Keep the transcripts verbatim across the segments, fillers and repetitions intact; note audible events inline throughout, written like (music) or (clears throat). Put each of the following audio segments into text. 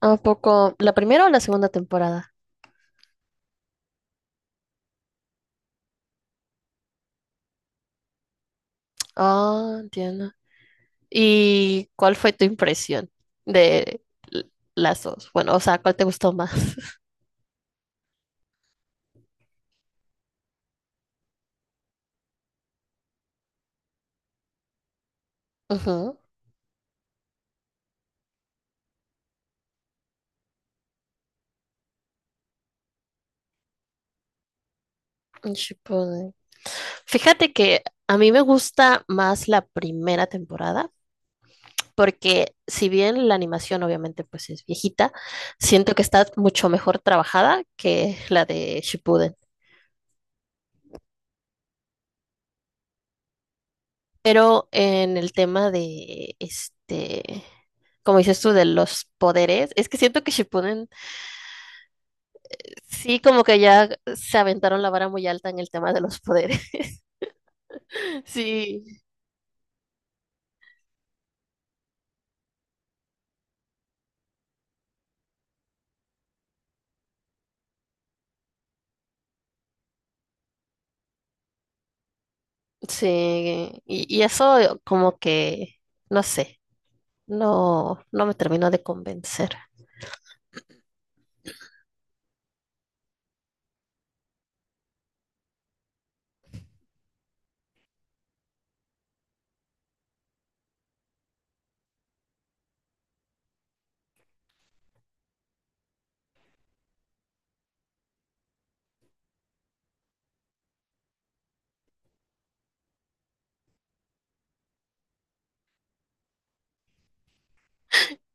¿A poco la primera o la segunda temporada? Ah, entiendo. ¿Y cuál fue tu impresión de l- las dos? Bueno, o sea, ¿cuál te gustó más? (laughs) Ujú, un Shippuden. Fíjate que a mí me gusta más la primera temporada, porque si bien la animación obviamente pues es viejita, siento que está mucho mejor trabajada que la de Shippuden. Pero en el tema de este, como dices tú, de los poderes, es que siento que Shippuden sí como que ya se aventaron la vara muy alta en el tema de los poderes. (laughs) Sí, sí, y, y eso como que, no sé, no, no me terminó de convencer.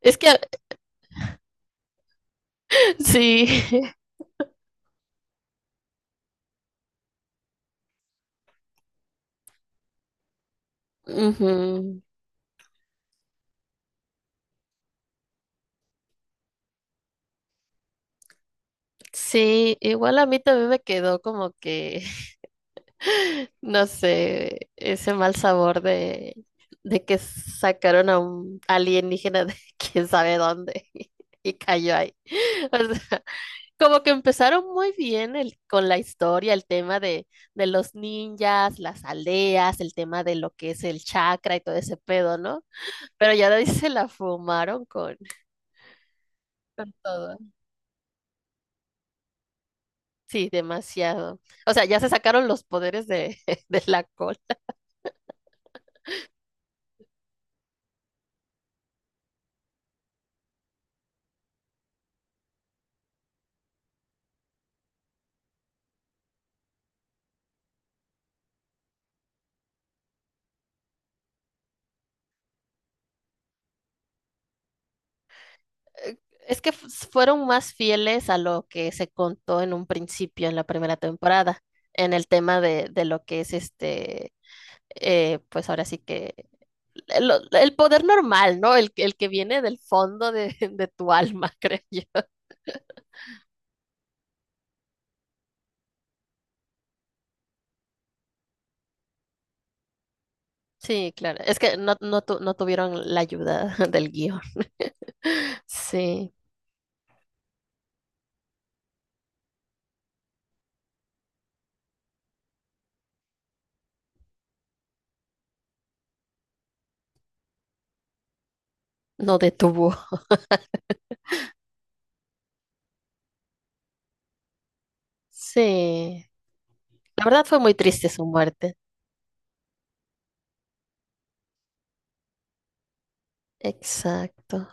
Es que (laughs) sí, (laughs) ujú. Sí, igual a mí también me quedó como que, no sé, ese mal sabor de, de que sacaron a un alienígena de (laughs) quién sabe dónde (laughs) y cayó ahí. (laughs) O sea, como que empezaron muy bien el, con la historia, el tema de, de los ninjas, las aldeas, el tema de lo que es el chakra y todo ese pedo, ¿no? Pero ya de ahí (laughs) se la fumaron con, con todo. Sí, demasiado. O sea, ya se sacaron los poderes de, (laughs) de la cola. eh, Es que f- fueron más fieles a lo que se contó en un principio en la primera temporada, en el tema de, de lo que es este, eh, pues ahora sí que el, el poder normal, ¿no? El, que- el que viene del fondo de, (laughs) de tu alma, (laughs) creo yo. Sí, claro. Es que no, no, tu- no tuvieron la ayuda (laughs) del guión. Sí, no detuvo. Sí. La verdad fue muy triste su muerte. Exacto.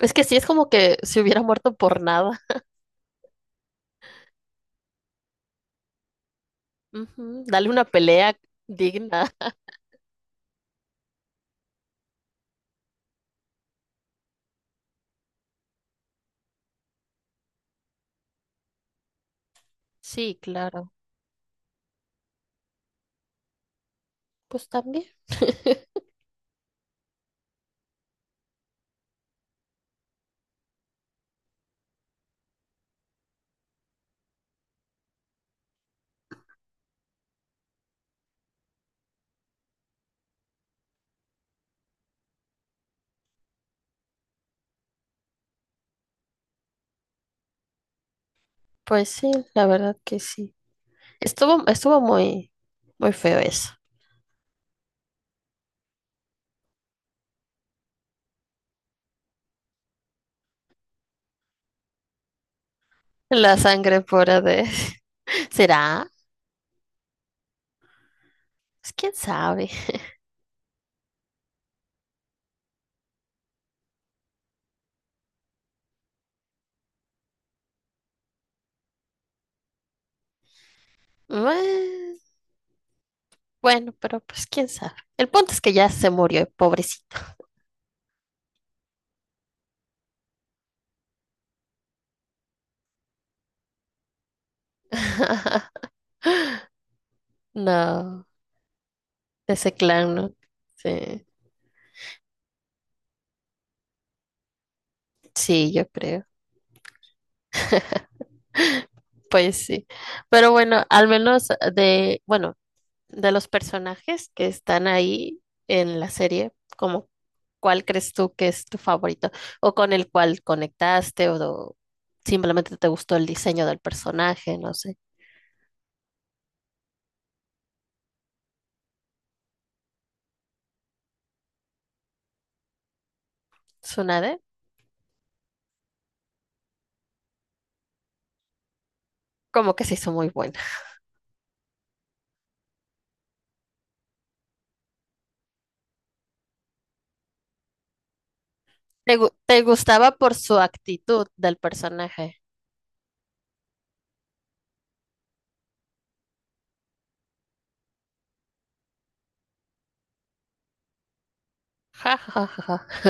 Es que sí, es como que se hubiera muerto por nada. Ujú, dale una pelea digna. (laughs) Sí, claro. Pues también. Pues sí, la verdad que sí. Estuvo, estuvo muy, muy feo eso. La sangre pura de... (laughs) ¿Será? Pues quién sabe. Bue- Bueno, pero pues quién sabe. El punto es que ya se murió, pobrecito. (laughs) No, ese clan, ¿no? Sí, sí, yo creo. Pues sí. Pero bueno, al menos de, bueno, de los personajes que están ahí en la serie, como cuál crees tú que es tu favorito o con el cual conectaste o do- simplemente te gustó el diseño del personaje, no sé. Tsunade, como que se hizo muy buena. Te, gu- te gustaba por su actitud del personaje. Ja, ja, ja, ja, ja.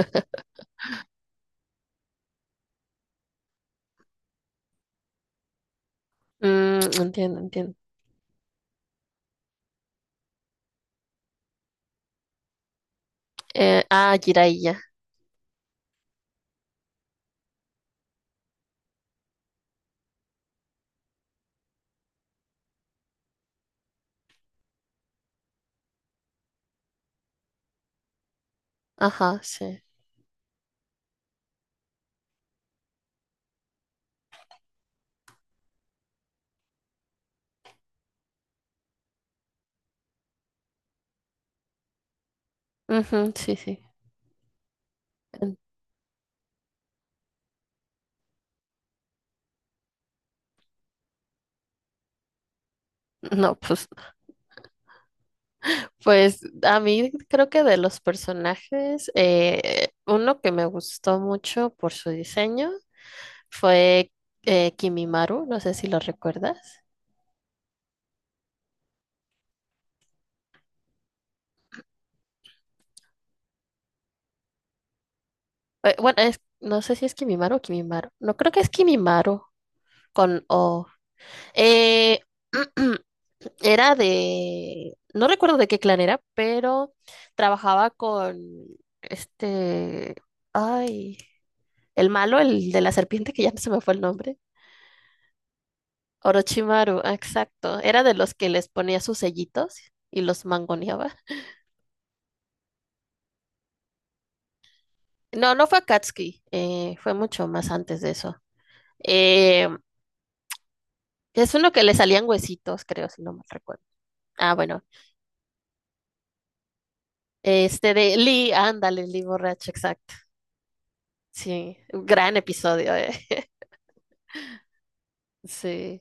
Mm, entiendo, entiendo. Eh, ah, Jiraiya. Ajá, sí. Ujú, sí, sí. En- No, pues pues a mí creo que de los personajes, eh, uno que me gustó mucho por su diseño fue eh, Kimimaru, no sé si lo recuerdas. Eh, bueno, es- no sé si es Kimimaru o Kimimaru, no creo que es Kimimaru con O. Eh, (clears throat) era de, no recuerdo de qué clan era, pero trabajaba con este, ay, el malo, el de la serpiente, que ya no se me fue el nombre. Orochimaru, ah, exacto. Era de los que les ponía sus sellitos y los mangoneaba. No, no fue Akatsuki, eh, fue mucho más antes de eso. Eh, es uno que le salían huesitos, creo, si no me recuerdo. Ah, bueno. Este de Lee, ándale, Lee borracho, exacto. Sí, un gran episodio, eh. (laughs) Sí.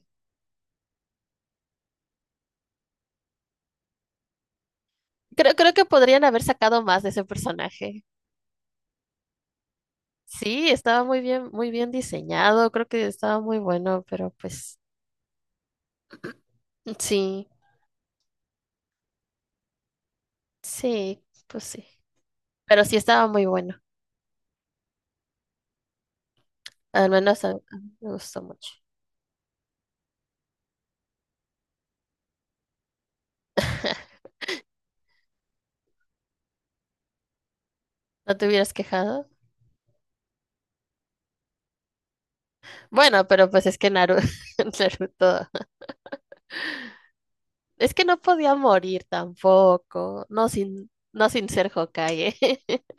Creo, creo que podrían haber sacado más de ese personaje. Sí, estaba muy bien, muy bien diseñado, creo que estaba muy bueno, pero pues sí, sí, pues sí. Pero sí estaba muy bueno. Al menos a- a mí me gustó mucho. (laughs) ¿No te hubieras quejado? Bueno, pero pues es que Naru- (laughs) Naruto, es que no podía morir tampoco, no sin, no sin ser Hokage. (laughs)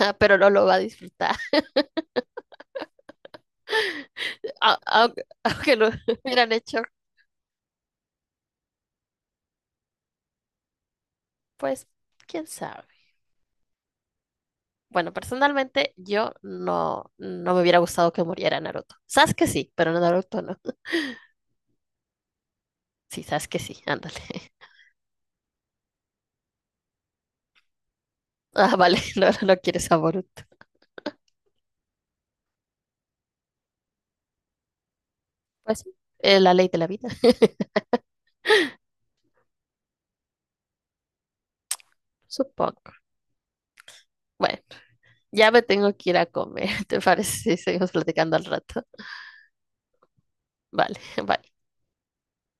Ah, pero no lo va a disfrutar. (laughs) Au- aunque, aunque lo (laughs) hubieran hecho, pues, quién sabe. Bueno, personalmente yo no, no me hubiera gustado que muriera Naruto. Sasuke sí, pero Naruto no. Sí, Sasuke sí, ándale. (laughs) Ah, vale, (laughs) no, no quieres a Boruto. Pues sí, eh, la ley de la vida, (laughs) supongo. Bueno, ya me tengo que ir a comer, (laughs) ¿te parece si seguimos platicando al rato? Vale, (laughs) bye.